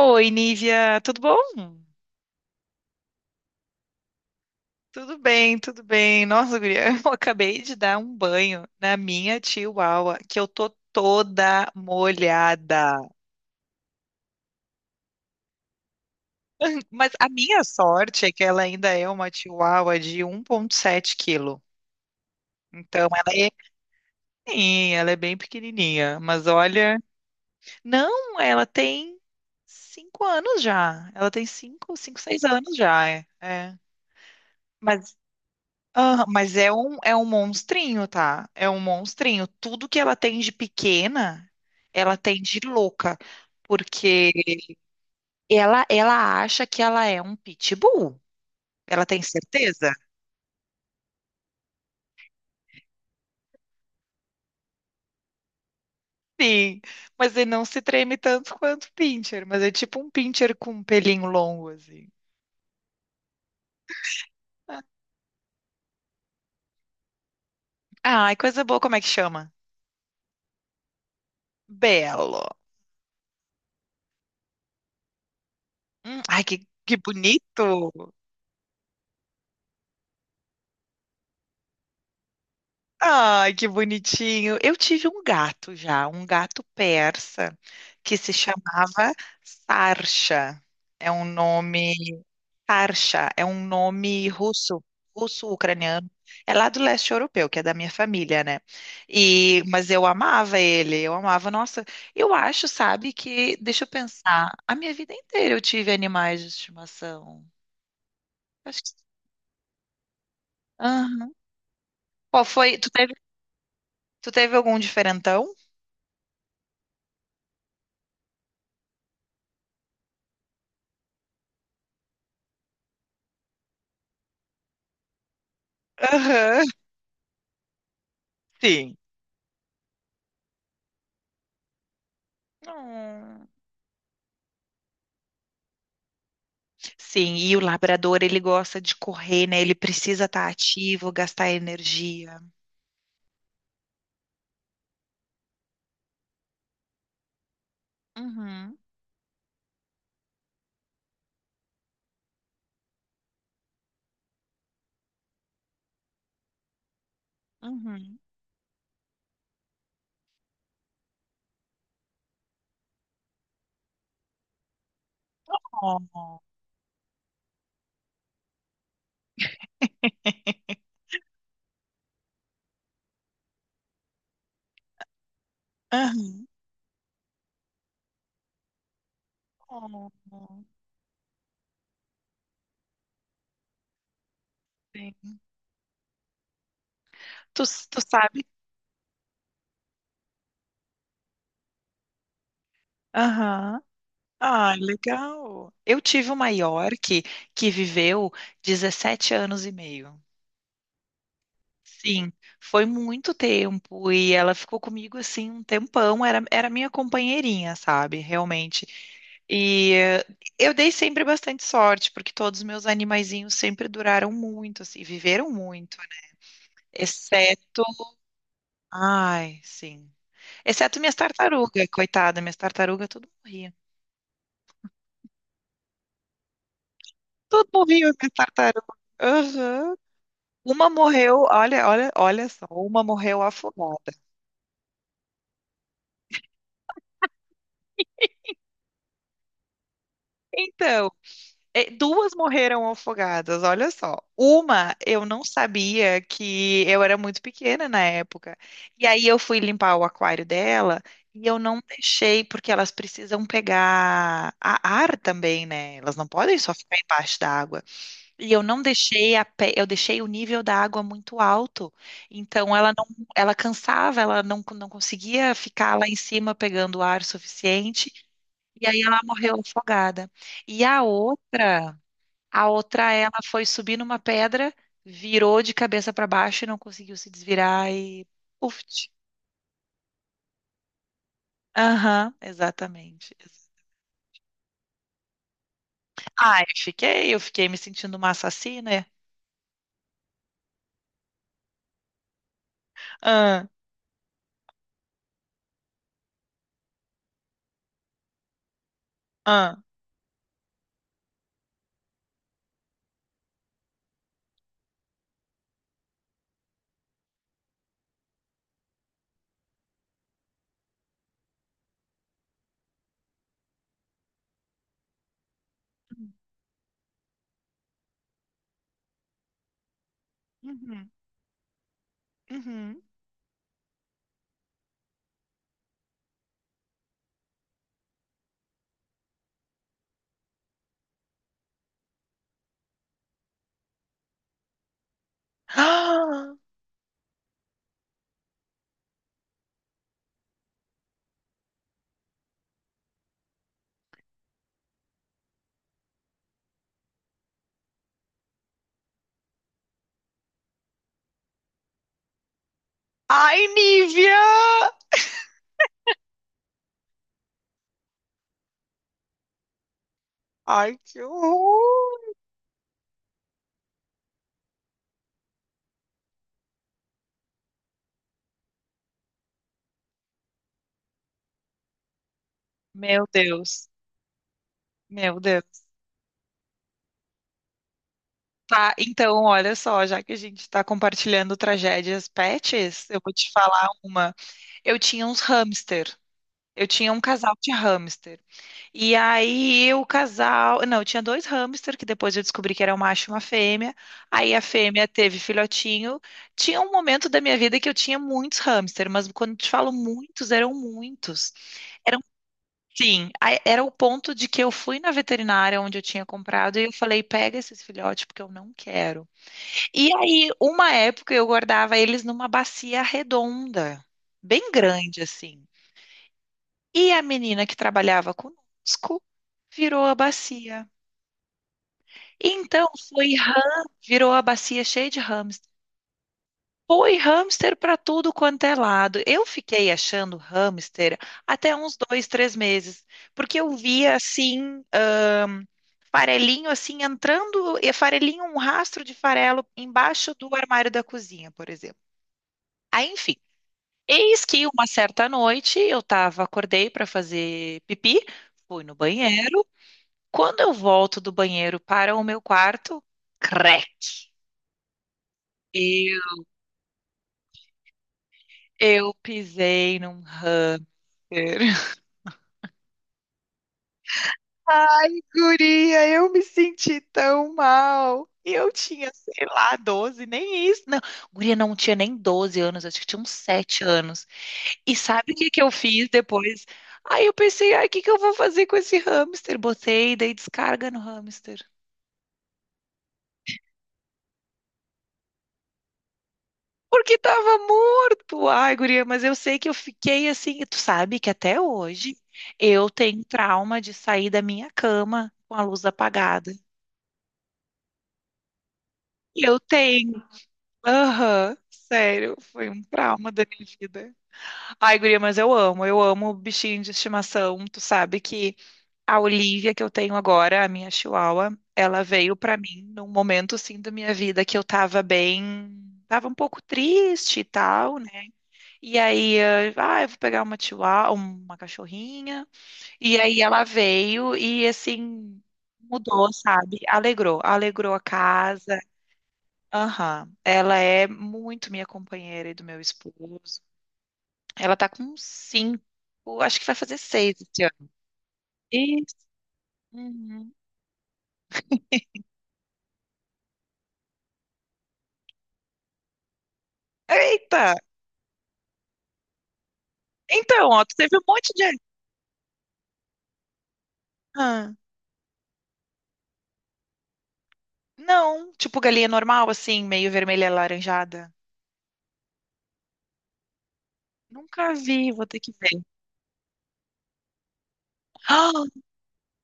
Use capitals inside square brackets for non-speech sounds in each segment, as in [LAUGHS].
Oi, Nívia, tudo bom? Tudo bem, tudo bem. Nossa, guria, [LAUGHS] eu acabei de dar um banho na minha chihuahua, que eu tô toda molhada. Mas a minha sorte é que ela ainda é uma chihuahua de 1,7 quilo. Então, ela é pequenininha, ela é bem pequenininha. Mas olha, não, ela tem cinco anos já. Ela tem cinco, seis anos já, é. Mas Aham, mas é um monstrinho, tá? É um monstrinho. Tudo que ela tem de pequena, ela tem de louca, porque ela acha que ela é um pitbull. Ela tem certeza? Sim, mas ele não se treme tanto quanto pincher, mas é tipo um pincher com um pelinho longo assim. Ah, ai, coisa boa, como é que chama? Belo. Ai, que bonito. Ai, que bonitinho. Eu tive um gato já, um gato persa, que se chamava Sarsha. É um nome. Sarsha é um nome russo, russo-ucraniano. É lá do leste europeu, que é da minha família, né? E, mas eu amava ele, eu amava. Nossa, eu acho, sabe, que. Deixa eu pensar. A minha vida inteira eu tive animais de estimação. Acho que. Aham. Qual foi? Tu teve algum diferentão? Aham. Sim. Hum. Sim, e o labrador, ele gosta de correr, né? Ele precisa estar ativo, gastar energia. Uhum, uhum. [LAUGHS] Oh, aham. Oh, sim. Tu, tu sabe? Aham. Ah, legal. Eu tive uma York que viveu 17 anos e meio. Sim, foi muito tempo e ela ficou comigo assim um tempão, era minha companheirinha, sabe, realmente. E eh, eu dei sempre bastante sorte, porque todos os meus animaizinhos sempre duraram muito, assim, viveram muito, exceto, ai, sim, exceto minhas tartarugas, coitada, minhas tartarugas tudo morria. Tudo morria, minhas tartarugas. Aham. Uma morreu, olha, olha só, uma morreu afogada. Então Duas morreram afogadas, olha só. Uma eu não sabia que eu era muito pequena na época. E aí eu fui limpar o aquário dela e eu não deixei, porque elas precisam pegar a ar também, né? Elas não podem só ficar embaixo da água. E eu não deixei eu deixei o nível da água muito alto. Então ela cansava, ela não, não conseguia ficar lá em cima pegando ar suficiente. E aí ela morreu afogada. E a outra. A outra, ela foi subir numa pedra, virou de cabeça para baixo e não conseguiu se desvirar e. Uft. Aham, exatamente. Ah, eu fiquei me sentindo uma assassina. Ah, ah. Uhum, uhum. [GASPS] Ah! Ai, Nívia! Ai, que horror! Meu Deus, meu Deus. Tá, então, olha só, já que a gente está compartilhando tragédias pets, eu vou te falar uma. Eu tinha uns hamster. Eu tinha um casal de hamster. E aí o casal. Não, eu tinha dois hamster, que depois eu descobri que era um macho e uma fêmea. Aí a fêmea teve filhotinho. Tinha um momento da minha vida que eu tinha muitos hamster, mas quando eu te falo muitos. Eram, sim, era o ponto de que eu fui na veterinária onde eu tinha comprado e eu falei: pega esses filhotes, porque eu não quero. E aí, uma época, eu guardava eles numa bacia redonda, bem grande, assim. E a menina que trabalhava conosco virou a bacia. Então foi ram, virou a bacia cheia de hamster. Foi hamster para tudo quanto é lado. Eu fiquei achando hamster até uns dois, três meses, porque eu via assim, farelinho assim entrando, e farelinho, um rastro de farelo embaixo do armário da cozinha, por exemplo. Aí, enfim, eis que uma certa noite eu tava, acordei para fazer pipi, fui no banheiro. Quando eu volto do banheiro para o meu quarto, crack! Eu, eu pisei num hamster. [LAUGHS] Ai, guria, eu me senti tão mal. E eu tinha, sei lá, 12, nem isso. Não, guria, não tinha nem doze anos, acho que tinha uns 7 anos. E sabe o que que eu fiz depois? Aí eu pensei, ai, o que que eu vou fazer com esse hamster? Botei, dei descarga no hamster. Porque tava morto. Ai, guria, mas eu sei que eu fiquei assim. E tu sabe que até hoje eu tenho trauma de sair da minha cama com a luz apagada. Eu tenho. Aham, sério, foi um trauma da minha vida. Ai, guria, mas eu amo bichinho de estimação. Tu sabe que a Olivia que eu tenho agora, a minha chihuahua, ela veio pra mim num momento assim da minha vida que eu tava bem, tava um pouco triste e tal, né? Eu vou pegar uma chihuahua, uma cachorrinha. E aí ela veio e assim mudou, sabe? Alegrou, alegrou a casa. Aham. Ela é muito minha companheira e do meu esposo. Ela tá com cinco, acho que vai fazer seis esse ano. Isso. Uhum. Eita! Então, ó, tu teve um monte de. Ah, não, tipo galinha normal, assim, meio vermelha e alaranjada. Nunca vi, vou ter que ver. [GASPS] Ah,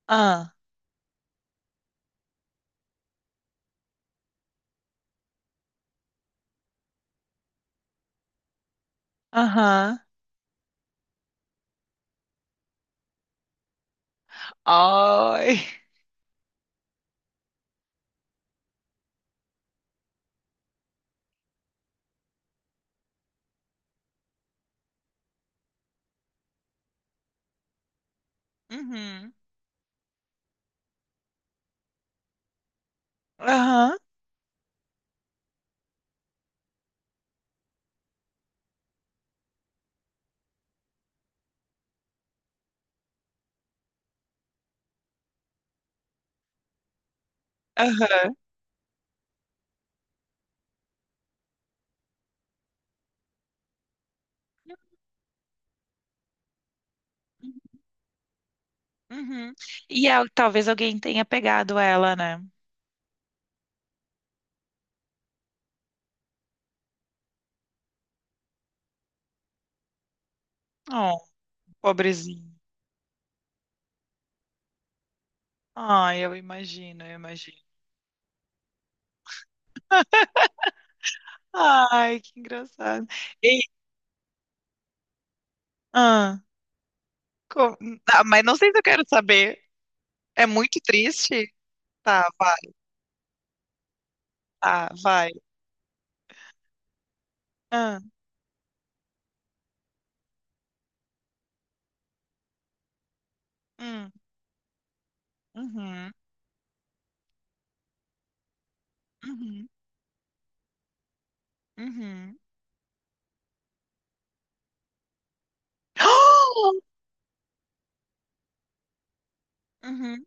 ah, aham. Ai. Uhum. Aham. Aham. Uhum. Talvez alguém tenha pegado ela, né? Oh, pobrezinho. Ai, eu imagino, eu imagino. Ai, que engraçado. E, ah, co- ah, mas não sei se eu quero saber. É muito triste? Tá, vai, tá, vai. Ah, hum, uhum, uhum, uhum. [GASPS] Uhum.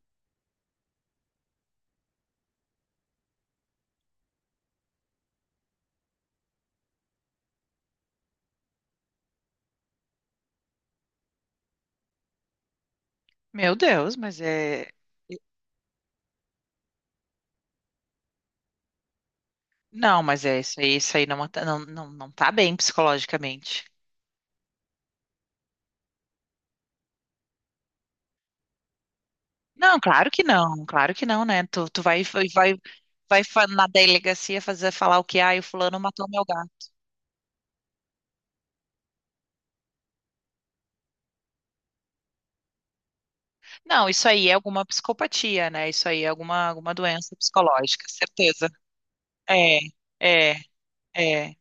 Meu Deus, mas é. Não, mas é isso aí não, não tá bem psicologicamente. Não, claro que não, claro que não, né? Tu vai, na delegacia fazer falar o que, ah, o fulano matou meu gato. Não, isso aí é alguma psicopatia, né? Isso aí é alguma, alguma doença psicológica, certeza. É, é, é.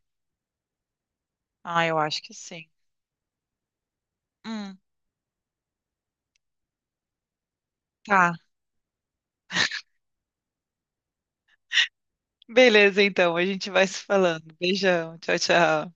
Ah, eu acho que sim. Hum, tá. Beleza, então, a gente vai se falando. Beijão, tchau, tchau.